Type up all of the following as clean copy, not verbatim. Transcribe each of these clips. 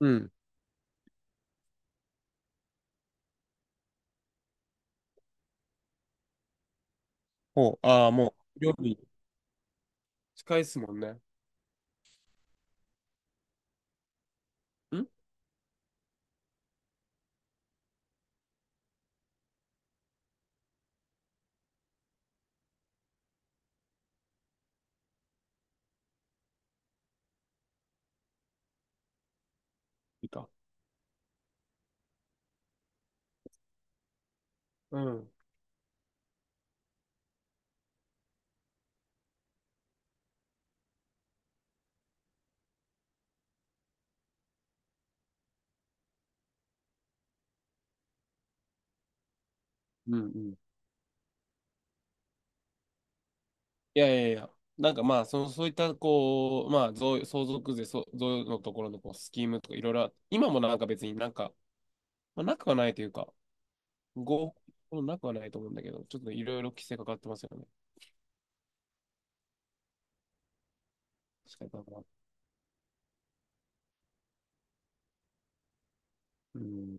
うん。ほう、ああ、もう、料理近いっすもんね。ん、いいか。うん。うんうん。いやいやいや。なんかまあ、その、そういった、こう、まあ、贈相続税、そう贈与のところのこうスキームとかいろいろあ、今もなんか別になんか、まあ、なくはないというか、合法もなくはないと思うんだけど、ちょっといろいろ規制かかってますよね。確かになんか。うん。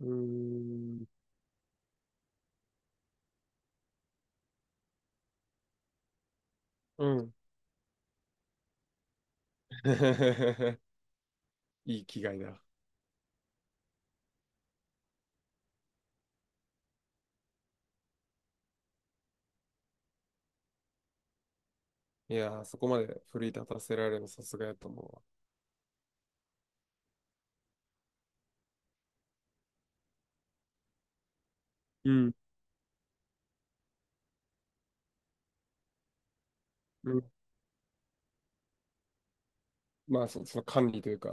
うん。うん。いい気概だ。いやー、そこまで奮い立たせられるのさすがやと思うわ。うん。まあそ、その管理というか、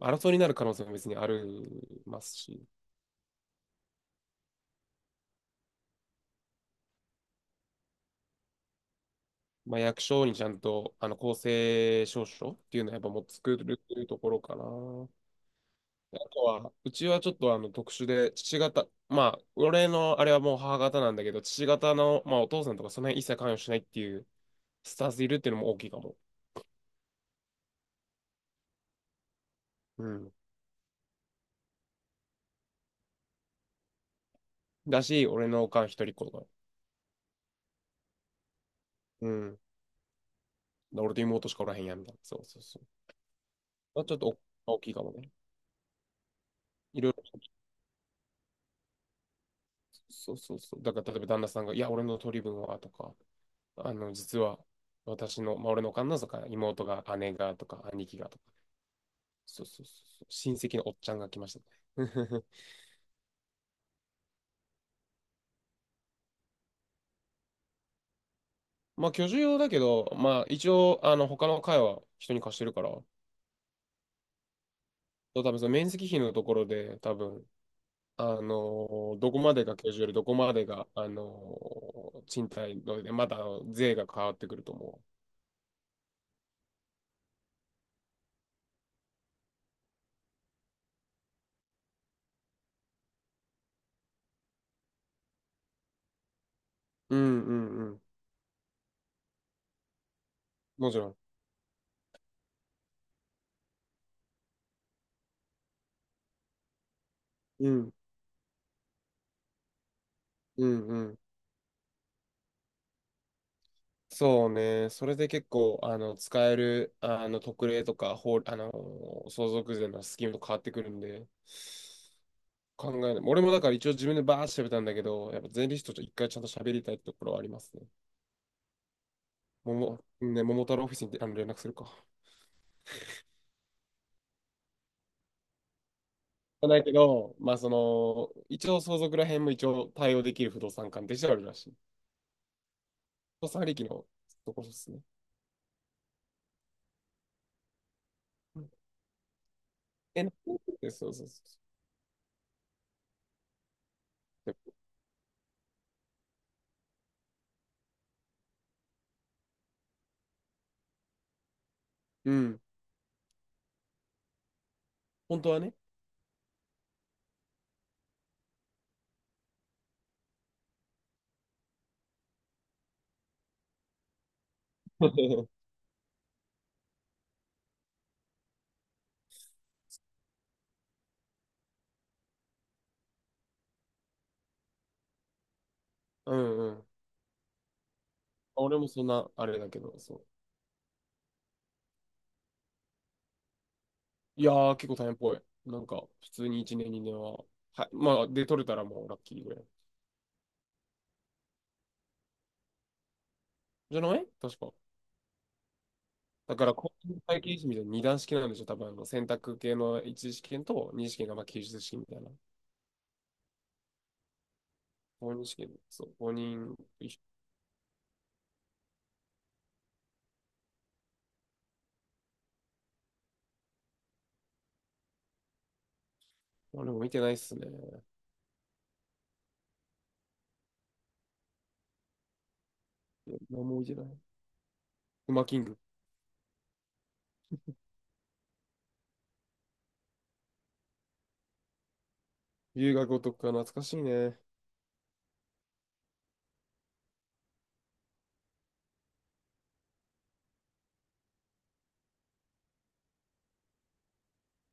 争いになる可能性も別にありますし、まあ、役所にちゃんとあの公正証書っていうのはやっぱもう作るっていうところかな。あとは、うちはちょっとあの特殊で、父方、まあ、俺のあれはもう母方なんだけど、父方の、まあ、お父さんとかその辺一切関与しないっていうスタンスいるっていうのも大きいかも。うん。だし、俺のおかん一人っ子とか、うん。俺と妹しかおらへんやんみたいな。そうそうそう。まあ、ちょっとお大きいかもね。いろいろそうそうそう。だから例えば旦那さんが、いや、俺の取り分はとか、あの、実は私の、まあ、俺のおかんのとか、妹が、姉がとか、兄貴がとか、そうそうそうそう、親戚のおっちゃんが来ましたね。まあ、居住用だけど、まあ、一応、あの、他の階は人に貸してるから、多分その面積比のところで、多分、あのどこまでが居住よりどこまでが、あの賃貸ので、まだあの税が変わってくると思う。うんうんうん。もちろん。うんうんうん。そうね。それで結構、あの、使える、あの、特例とか、法、あの、相続税のスキームと変わってくるんで、考えない。俺もだから一応自分でバーッて喋ったんだけど、やっぱ税理士とちょっと一回ちゃんと喋りたいってところはありますね。もも、ね、桃太郎オフィスにあの連絡するか。じゃないけど、まあその、一応相続ら辺も一応対応できる不動産関係してあるらしい。不動産利益のところですね。うん、え、な、そうそうそうそう。うん、本当はね。うんうん。俺もそんな、あれだけど、そう。いやー、結構大変っぽい。なんか、普通に1年、2年は、はい、まあ、で、取れたらもうラッキーぐらい。じゃない確か。だから、公認会計士みたいな二段式なんでしょ多分、あの、選択系の一次試験と二次試験が、まあ、記述試験みたいな。公認試験、そう、公認、あれも見てないっすね。いや何も見てない。ウマキング。留学お得か懐かしいね。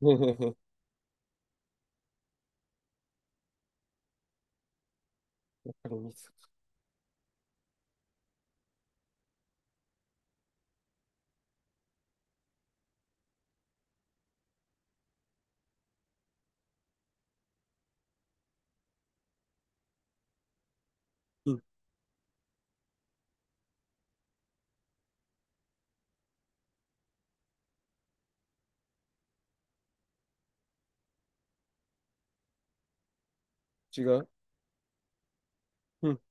あれ見てた。うん。違う。うん、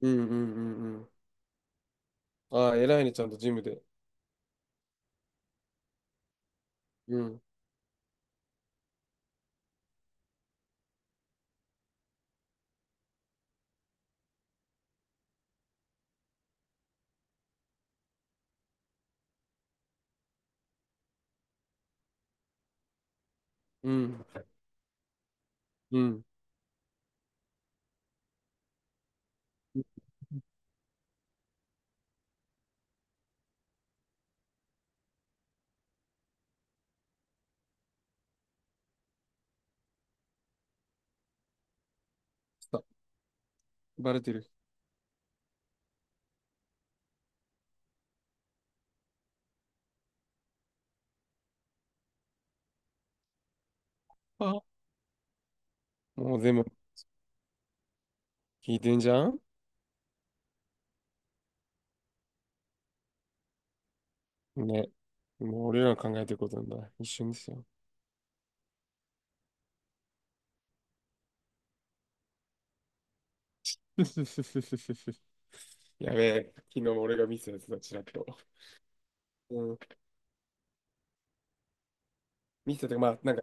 うん、うん、うん。うん、ああ、偉いね、ちゃんとジムで。うん、うん、うん。あ、バレてる。あ、もうでも、聞いてんじゃん、ね。もう俺らの考えてることなんだ。一瞬ですよ。やべえ、昨日も俺がミスやつだ、ちらっと。うん、ミスってかまあ、なんか、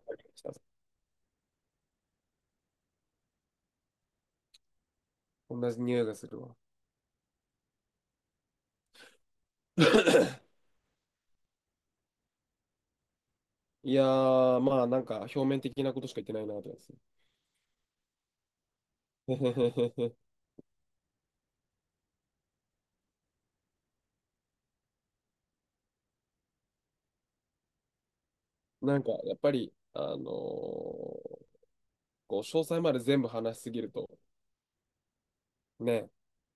同じ匂いがするわ。いやー、まあ、なんか、表面的なことしか言ってないな、と思います。なんか、やっぱり、あのー、こう、詳細まで全部話しすぎると、ね、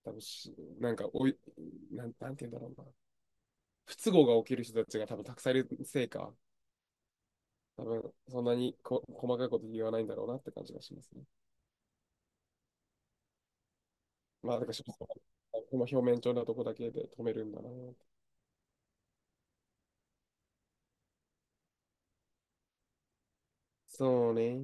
多分し、なんか、おい、なん、なんて言うんだろうな。不都合が起きる人たちが多分たくさんいるせいか、多分そんなにこ細かいこと言わないんだろうなって感じがしますね。まあ、だから、表面上のとこだけで止めるんだな。そうね。